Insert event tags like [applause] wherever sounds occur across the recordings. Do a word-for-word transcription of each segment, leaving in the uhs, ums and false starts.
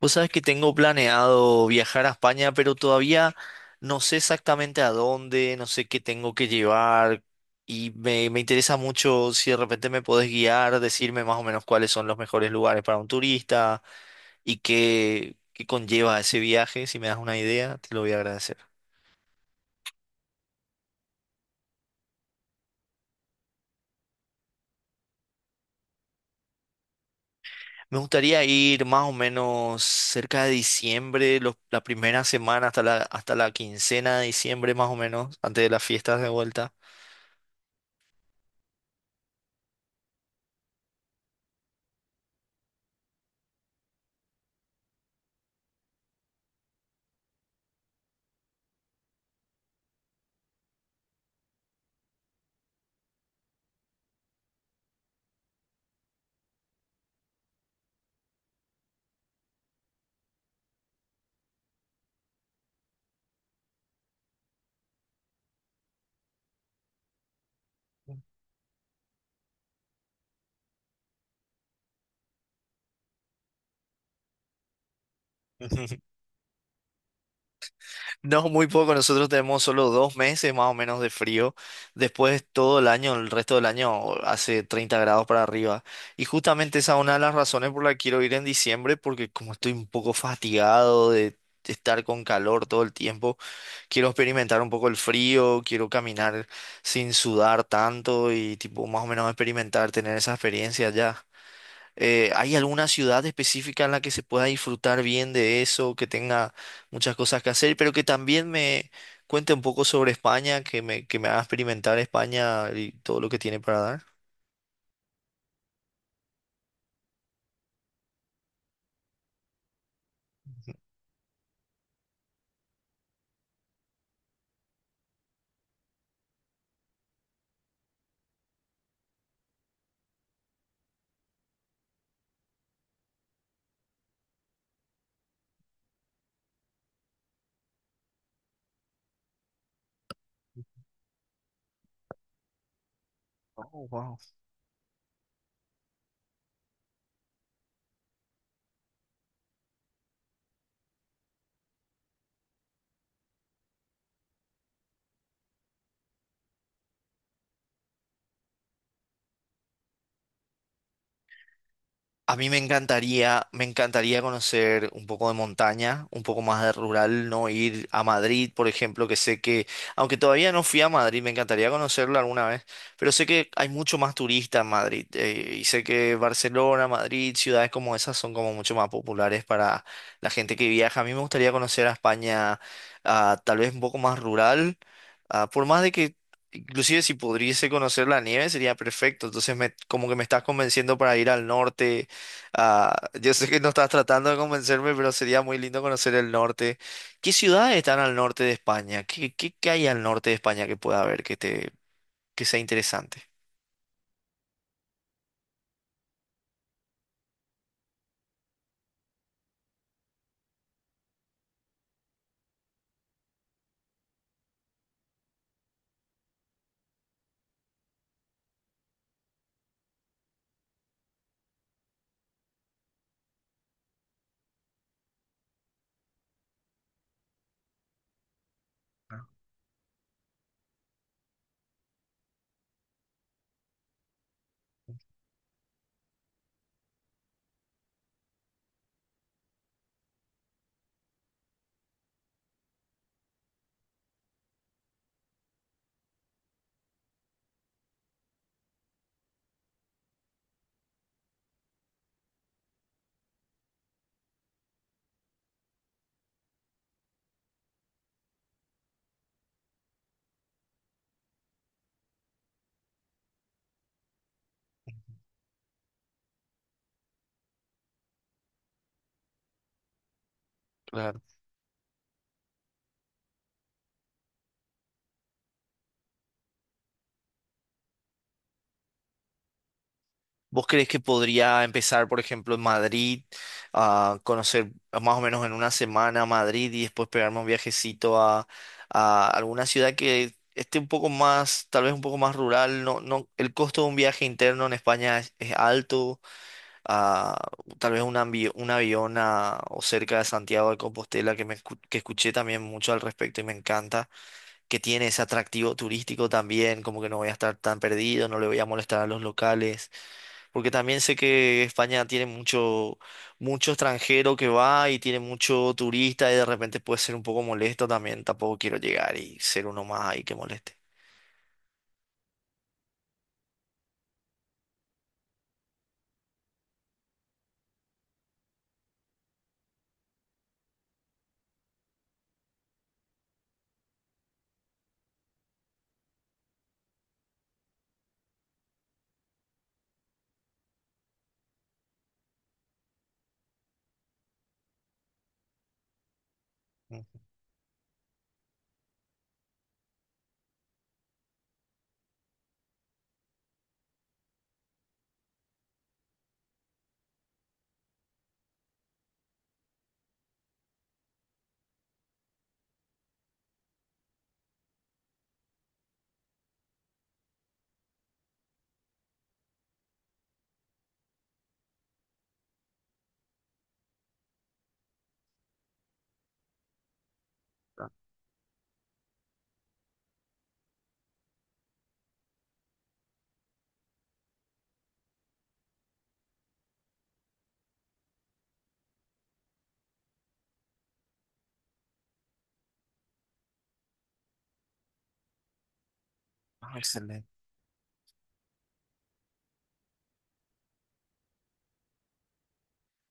Vos sabés que tengo planeado viajar a España, pero todavía no sé exactamente a dónde, no sé qué tengo que llevar y me, me interesa mucho si de repente me podés guiar, decirme más o menos cuáles son los mejores lugares para un turista y qué, qué conlleva ese viaje. Si me das una idea, te lo voy a agradecer. Me gustaría ir más o menos cerca de diciembre, los- la primera semana hasta la, hasta la quincena de diciembre más o menos, antes de las fiestas de vuelta. [laughs] No, muy poco. Nosotros tenemos solo dos meses más o menos de frío. Después todo el año, el resto del año hace treinta grados para arriba. Y justamente esa es una de las razones por la que quiero ir en diciembre, porque como estoy un poco fatigado de estar con calor todo el tiempo, quiero experimentar un poco el frío, quiero caminar sin sudar tanto y tipo más o menos experimentar, tener esa experiencia ya. Eh, ¿hay alguna ciudad específica en la que se pueda disfrutar bien de eso, que tenga muchas cosas que hacer, pero que también me cuente un poco sobre España, que me, que me haga experimentar España y todo lo que tiene para dar? Oh, wow. A mí me encantaría, me encantaría conocer un poco de montaña, un poco más de rural, no ir a Madrid, por ejemplo, que sé que, aunque todavía no fui a Madrid, me encantaría conocerlo alguna vez, pero sé que hay mucho más turista en Madrid, eh, y sé que Barcelona, Madrid, ciudades como esas son como mucho más populares para la gente que viaja. A mí me gustaría conocer a España, ah, tal vez un poco más rural. Ah, por más de que, inclusive si pudiese conocer la nieve, sería perfecto. Entonces, me, como que me estás convenciendo para ir al norte. Ah, yo sé que no estás tratando de convencerme, pero sería muy lindo conocer el norte. ¿Qué ciudades están al norte de España? ¿Qué, qué, qué hay al norte de España que pueda haber que te, que sea interesante? Claro. ¿Vos crees que podría empezar, por ejemplo, en Madrid, a conocer más o menos en una semana Madrid y después pegarme un viajecito a, a alguna ciudad que esté un poco más, tal vez un poco más rural? No, no, el costo de un viaje interno en España es, es alto. Ah, tal vez un, ambi- un avión a- o cerca de Santiago de Compostela, que, me, escu- que escuché también mucho al respecto y me encanta que tiene ese atractivo turístico también, como que no voy a estar tan perdido, no le voy a molestar a los locales, porque también sé que España tiene mucho, mucho extranjero que va y tiene mucho turista y de repente puede ser un poco molesto también, tampoco quiero llegar y ser uno más ahí que moleste. Ujú. Ah, excelente.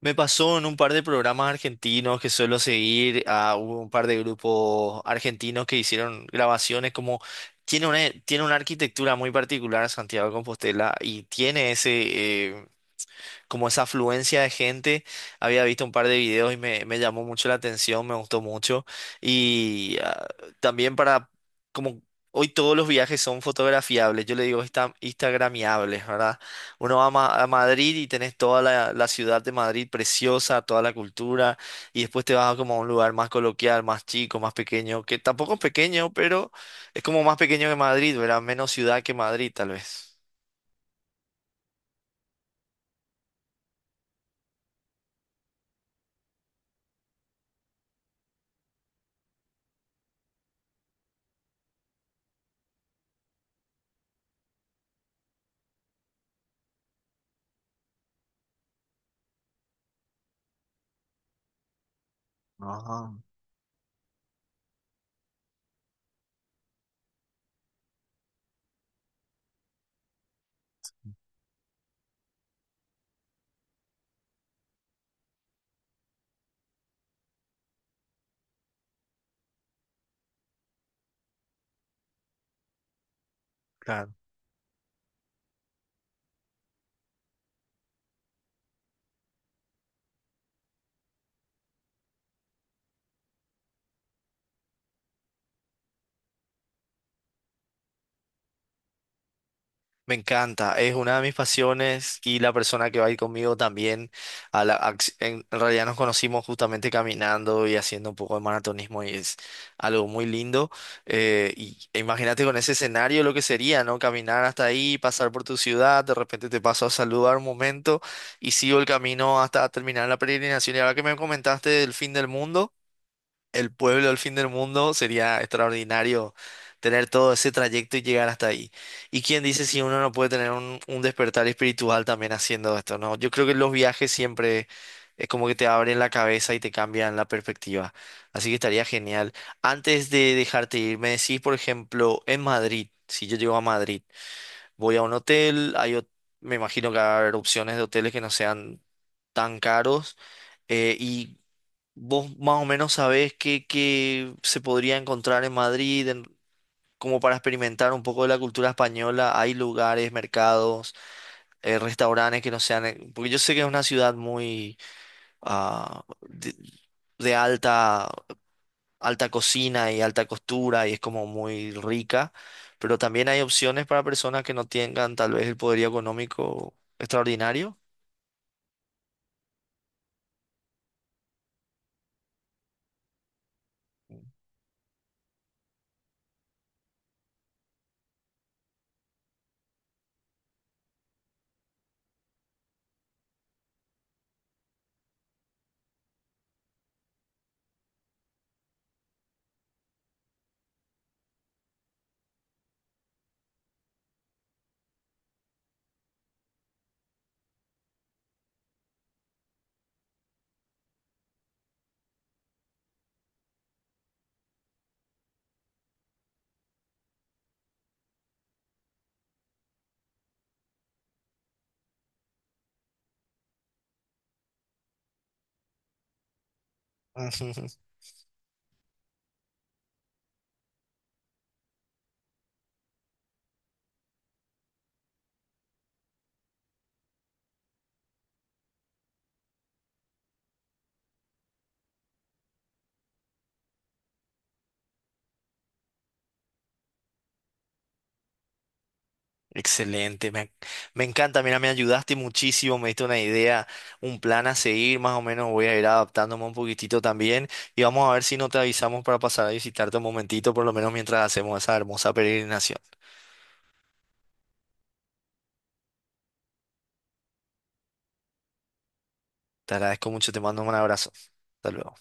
Me pasó en un par de programas argentinos que suelo seguir, a un par de grupos argentinos que hicieron grabaciones como tiene una, tiene una arquitectura muy particular Santiago de Compostela y tiene ese eh, como esa afluencia de gente. Había visto un par de videos y me, me llamó mucho la atención, me gustó mucho. Y ah, también para, como hoy todos los viajes son fotografiables, yo le digo insta- instagramiables, ¿verdad? Uno va a, Ma- a Madrid y tenés toda la, la ciudad de Madrid preciosa, toda la cultura, y después te vas a como a un lugar más coloquial, más chico, más pequeño, que tampoco es pequeño, pero es como más pequeño que Madrid, ¿verdad? Menos ciudad que Madrid, tal vez. Ah, claro. Me encanta, es una de mis pasiones y la persona que va a ir conmigo también. A la, ac- en realidad nos conocimos justamente caminando y haciendo un poco de maratonismo y es algo muy lindo. Eh, y e imagínate con ese escenario lo que sería, ¿no? Caminar hasta ahí, pasar por tu ciudad, de repente te paso a saludar un momento y sigo el camino hasta terminar la peregrinación. Y ahora que me comentaste del fin del mundo, el pueblo del fin del mundo, sería extraordinario tener todo ese trayecto y llegar hasta ahí. ¿Y quién dice si uno no puede tener un, un despertar espiritual también haciendo esto, ¿no? Yo creo que los viajes siempre es como que te abren la cabeza y te cambian la perspectiva. Así que estaría genial. Antes de dejarte ir, me decís, por ejemplo, en Madrid, si yo llego a Madrid, voy a un hotel, hay, hot- me imagino que va a haber opciones de hoteles que no sean tan caros. Eh, y vos más o menos sabés qué, qué se podría encontrar en Madrid, en- como para experimentar un poco de la cultura española. Hay lugares, mercados, eh, restaurantes que no sean... eh, Porque yo sé que es una ciudad muy ah, de, de alta, alta cocina y alta costura y es como muy rica, pero también hay opciones para personas que no tengan tal vez el poder económico extraordinario. [laughs] Excelente, me, me encanta, mira, me ayudaste muchísimo, me diste una idea, un plan a seguir, más o menos voy a ir adaptándome un poquitito también y vamos a ver si no te avisamos para pasar a visitarte un momentito, por lo menos mientras hacemos esa hermosa peregrinación. Te agradezco mucho, te mando un abrazo. Hasta luego.